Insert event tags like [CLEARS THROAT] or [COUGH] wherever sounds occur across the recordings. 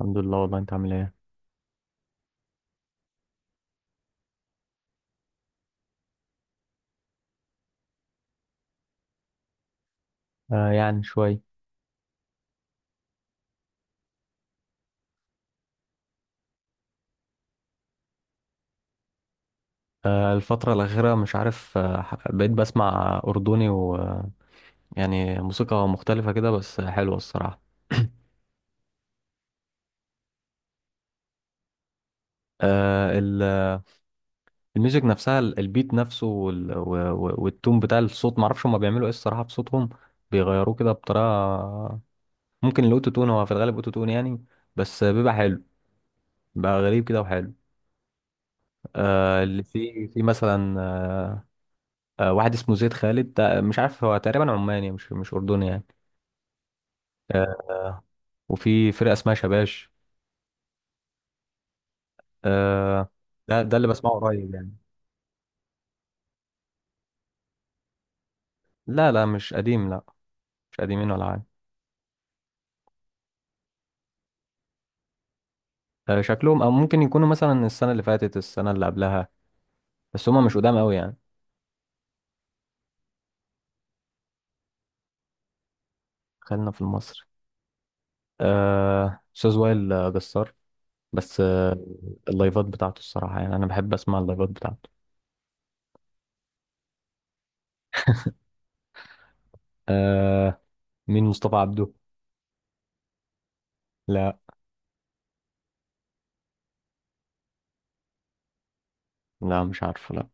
الحمد لله، والله انت عامل ايه؟ يعني شوي. الفترة الأخيرة مش عارف، بقيت بسمع أردني ويعني موسيقى مختلفة كده، بس حلوة الصراحة. آه ال- الميوزك نفسها، البيت نفسه، والتون بتاع الصوت، معرفش هما بيعملوا ايه الصراحة في صوتهم، بيغيروه كده بطريقة. ممكن الأوتو تون، هو في الغالب أوتو تون يعني. بس بيبقى حلو، بقى غريب كده وحلو. اللي في مثلا، واحد اسمه زيد خالد، ده مش عارف، هو تقريبا عماني، مش أردني يعني. آه. وفي فرقة اسمها شباش. آه. ده اللي بسمعه قريب يعني. لا، لا، مش قديم، لا. مش قديمين ولا حاجة. شكلهم، أو ممكن يكونوا مثلا السنة اللي فاتت، السنة اللي قبلها. بس هما مش قدام قوي يعني. خلينا في المصري. أستاذ وائل جسار. بس اللايفات بتاعته الصراحة، يعني أنا بحب أسمع اللايفات بتاعته. آه مين مصطفى عبده؟ لا، لا، مش عارفه، لا.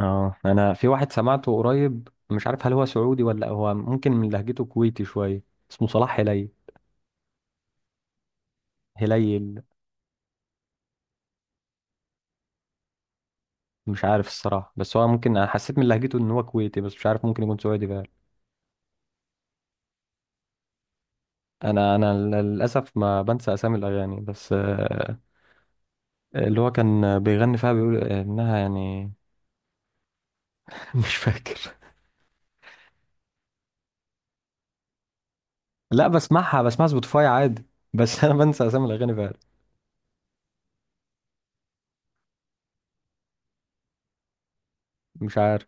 اه أنا في واحد سمعته قريب، مش عارف هل هو سعودي ولا هو، ممكن من لهجته كويتي شوية. اسمه صلاح هلي. هليل. مش عارف الصراحة، بس هو ممكن أنا حسيت من لهجته إن هو كويتي، بس مش عارف، ممكن يكون سعودي بقى. أنا للأسف ما بنسى أسامي الأغاني، بس اللي هو كان بيغني فيها بيقول إنها يعني [LAUGHS] مش فاكر. لا، بسمعها سبوتيفاي عادي. بس أنا بنسى أسامي الأغاني فعلا. مش عارف،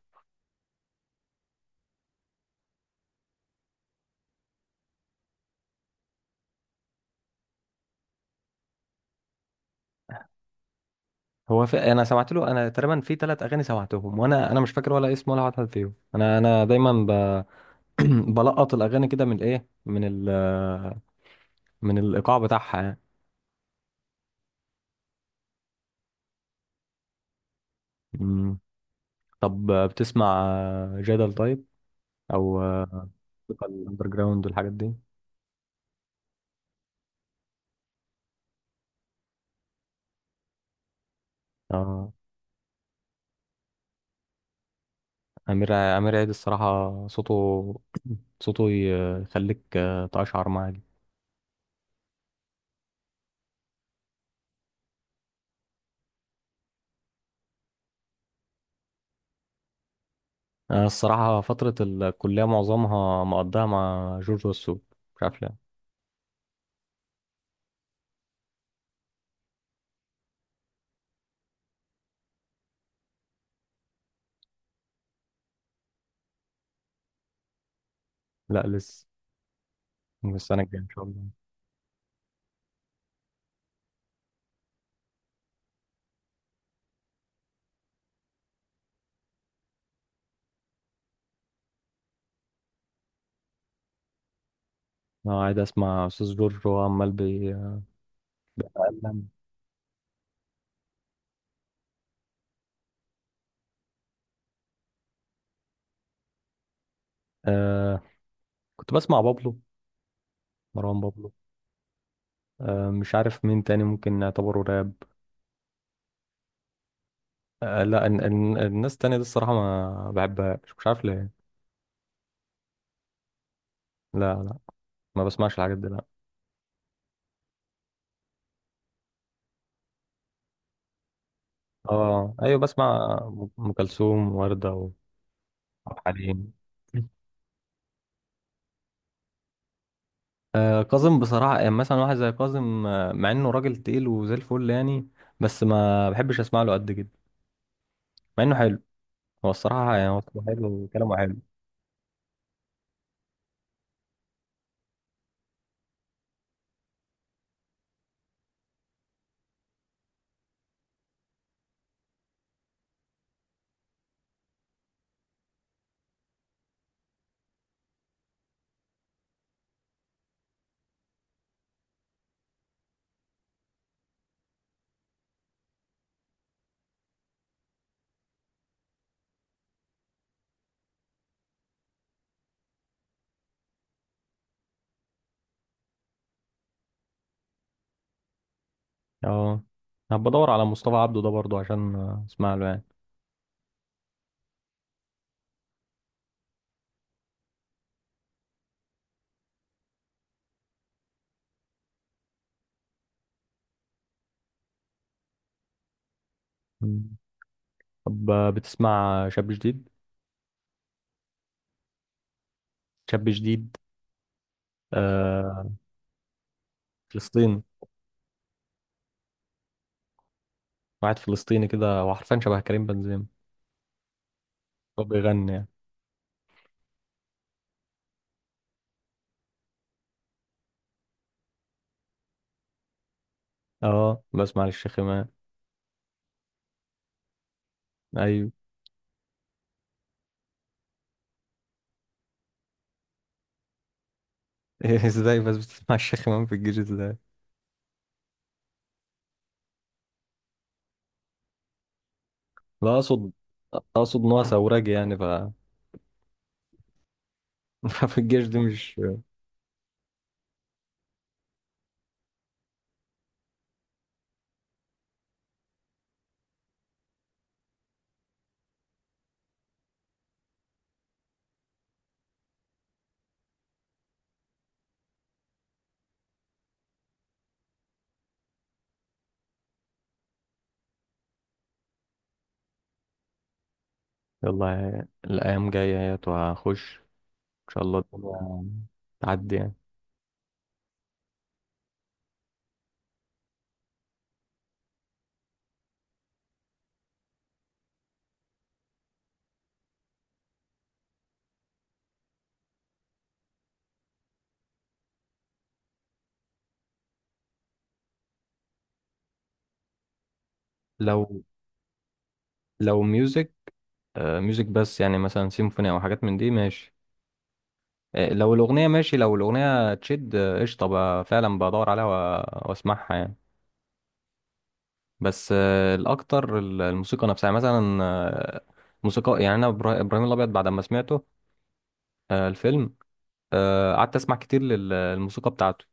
أنا سمعت له، أنا تقريبا في ثلاث أغاني سمعتهم، وأنا مش فاكر ولا اسم ولا واحد فيهم، أنا دايما [CLEARS THROAT] بلقط الأغاني كده، من إيه، من ال... آه، من الإيقاع بتاعها يعني. طب، بتسمع جدل؟ طيب، او موسيقى الاندر جراوند والحاجات دي. اه امير عيد الصراحه، صوته صوته يخليك تقشعر معاه جدا. انا الصراحه فتره الكليه معظمها مقضاها مع جورج وسوف، مش عارف ليه. لا، لسه. السنه الجايه ان شاء الله. انا قاعد اسمع استاذ جورج وهو عمال بيقلم. آه كنت بسمع بابلو، مروان بابلو. مش عارف مين تاني ممكن نعتبره راب. لا، ان الناس التانية دي الصراحة ما بحبهاش، مش عارف ليه. لا، لا، ما بسمعش الحاجات دي، لا. اه ايوه، بسمع ام كلثوم، وردة، وعبد الحليم. كاظم بصراحة، يعني مثلا واحد زي كاظم، مع انه راجل تقيل وزي الفل يعني. بس ما بحبش اسمع له قد كده، مع انه حلو. هو الصراحة يعني، هو صوته حلو وكلامه حلو. اه هبقى ادور على مصطفى عبده ده برضه، عشان اسمع له يعني. مم. طب، بتسمع شاب جديد؟ شاب جديد. آه. فلسطيني، واحد فلسطيني كده، هو حرفيا شبه كريم بنزيما. هو بيغني يعني. اه بسمع للشيخ إمام. أيوة. [LAUGHS] ازاي بس بتسمع الشيخ إمام في الجيش ازاي؟ لا، أقصد إن هو ثورجي يعني، ف [LAUGHS] ففي الجيش دي مش. يلا، الأيام جاية اهيت وهخش، إن شاء الله الدنيا تعدي يعني. لو لو ميوزك، ميوزك بس، يعني مثلا سيمفوني أو حاجات من دي ماشي. لو الأغنية ماشي، لو الأغنية تشد، قشطة بقى، فعلا بدور عليها وأسمعها يعني. بس الاكتر الموسيقى نفسها، يعني مثلا موسيقى يعني، انا ابراهيم الابيض بعد ما سمعته، الفيلم، قعدت اسمع كتير للموسيقى بتاعته،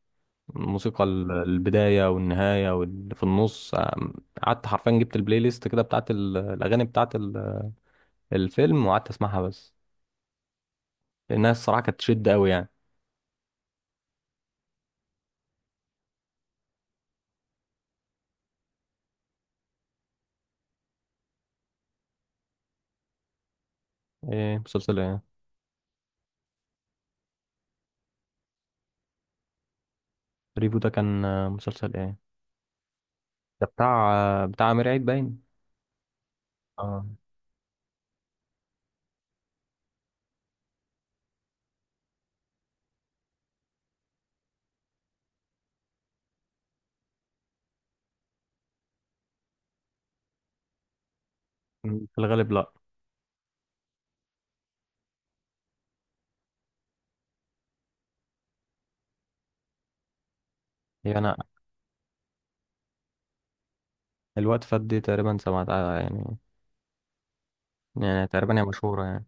الموسيقى البدايه والنهايه واللي في النص، قعدت حرفيا، جبت البلاي ليست كده بتاعت الاغاني بتاعت الفيلم، وقعدت اسمعها، بس لانها الصراحه كانت تشد قوي يعني. ايه مسلسل ايه؟ ريفو ده كان مسلسل ايه؟ ده بتاع امير عيد باين. اه في الغالب لا. يعني انا، الوقت فات دي تقريبا سمعتها يعني، يعني تقريبا هي مشهورة يعني.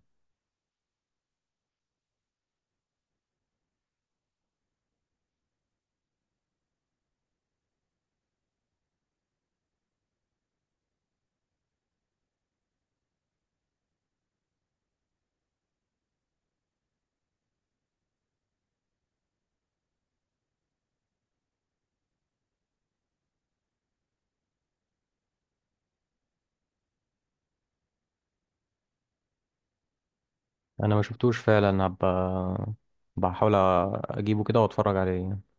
أنا ما شفتوش فعلا، هبقى بحاول أجيبه كده وأتفرج عليه.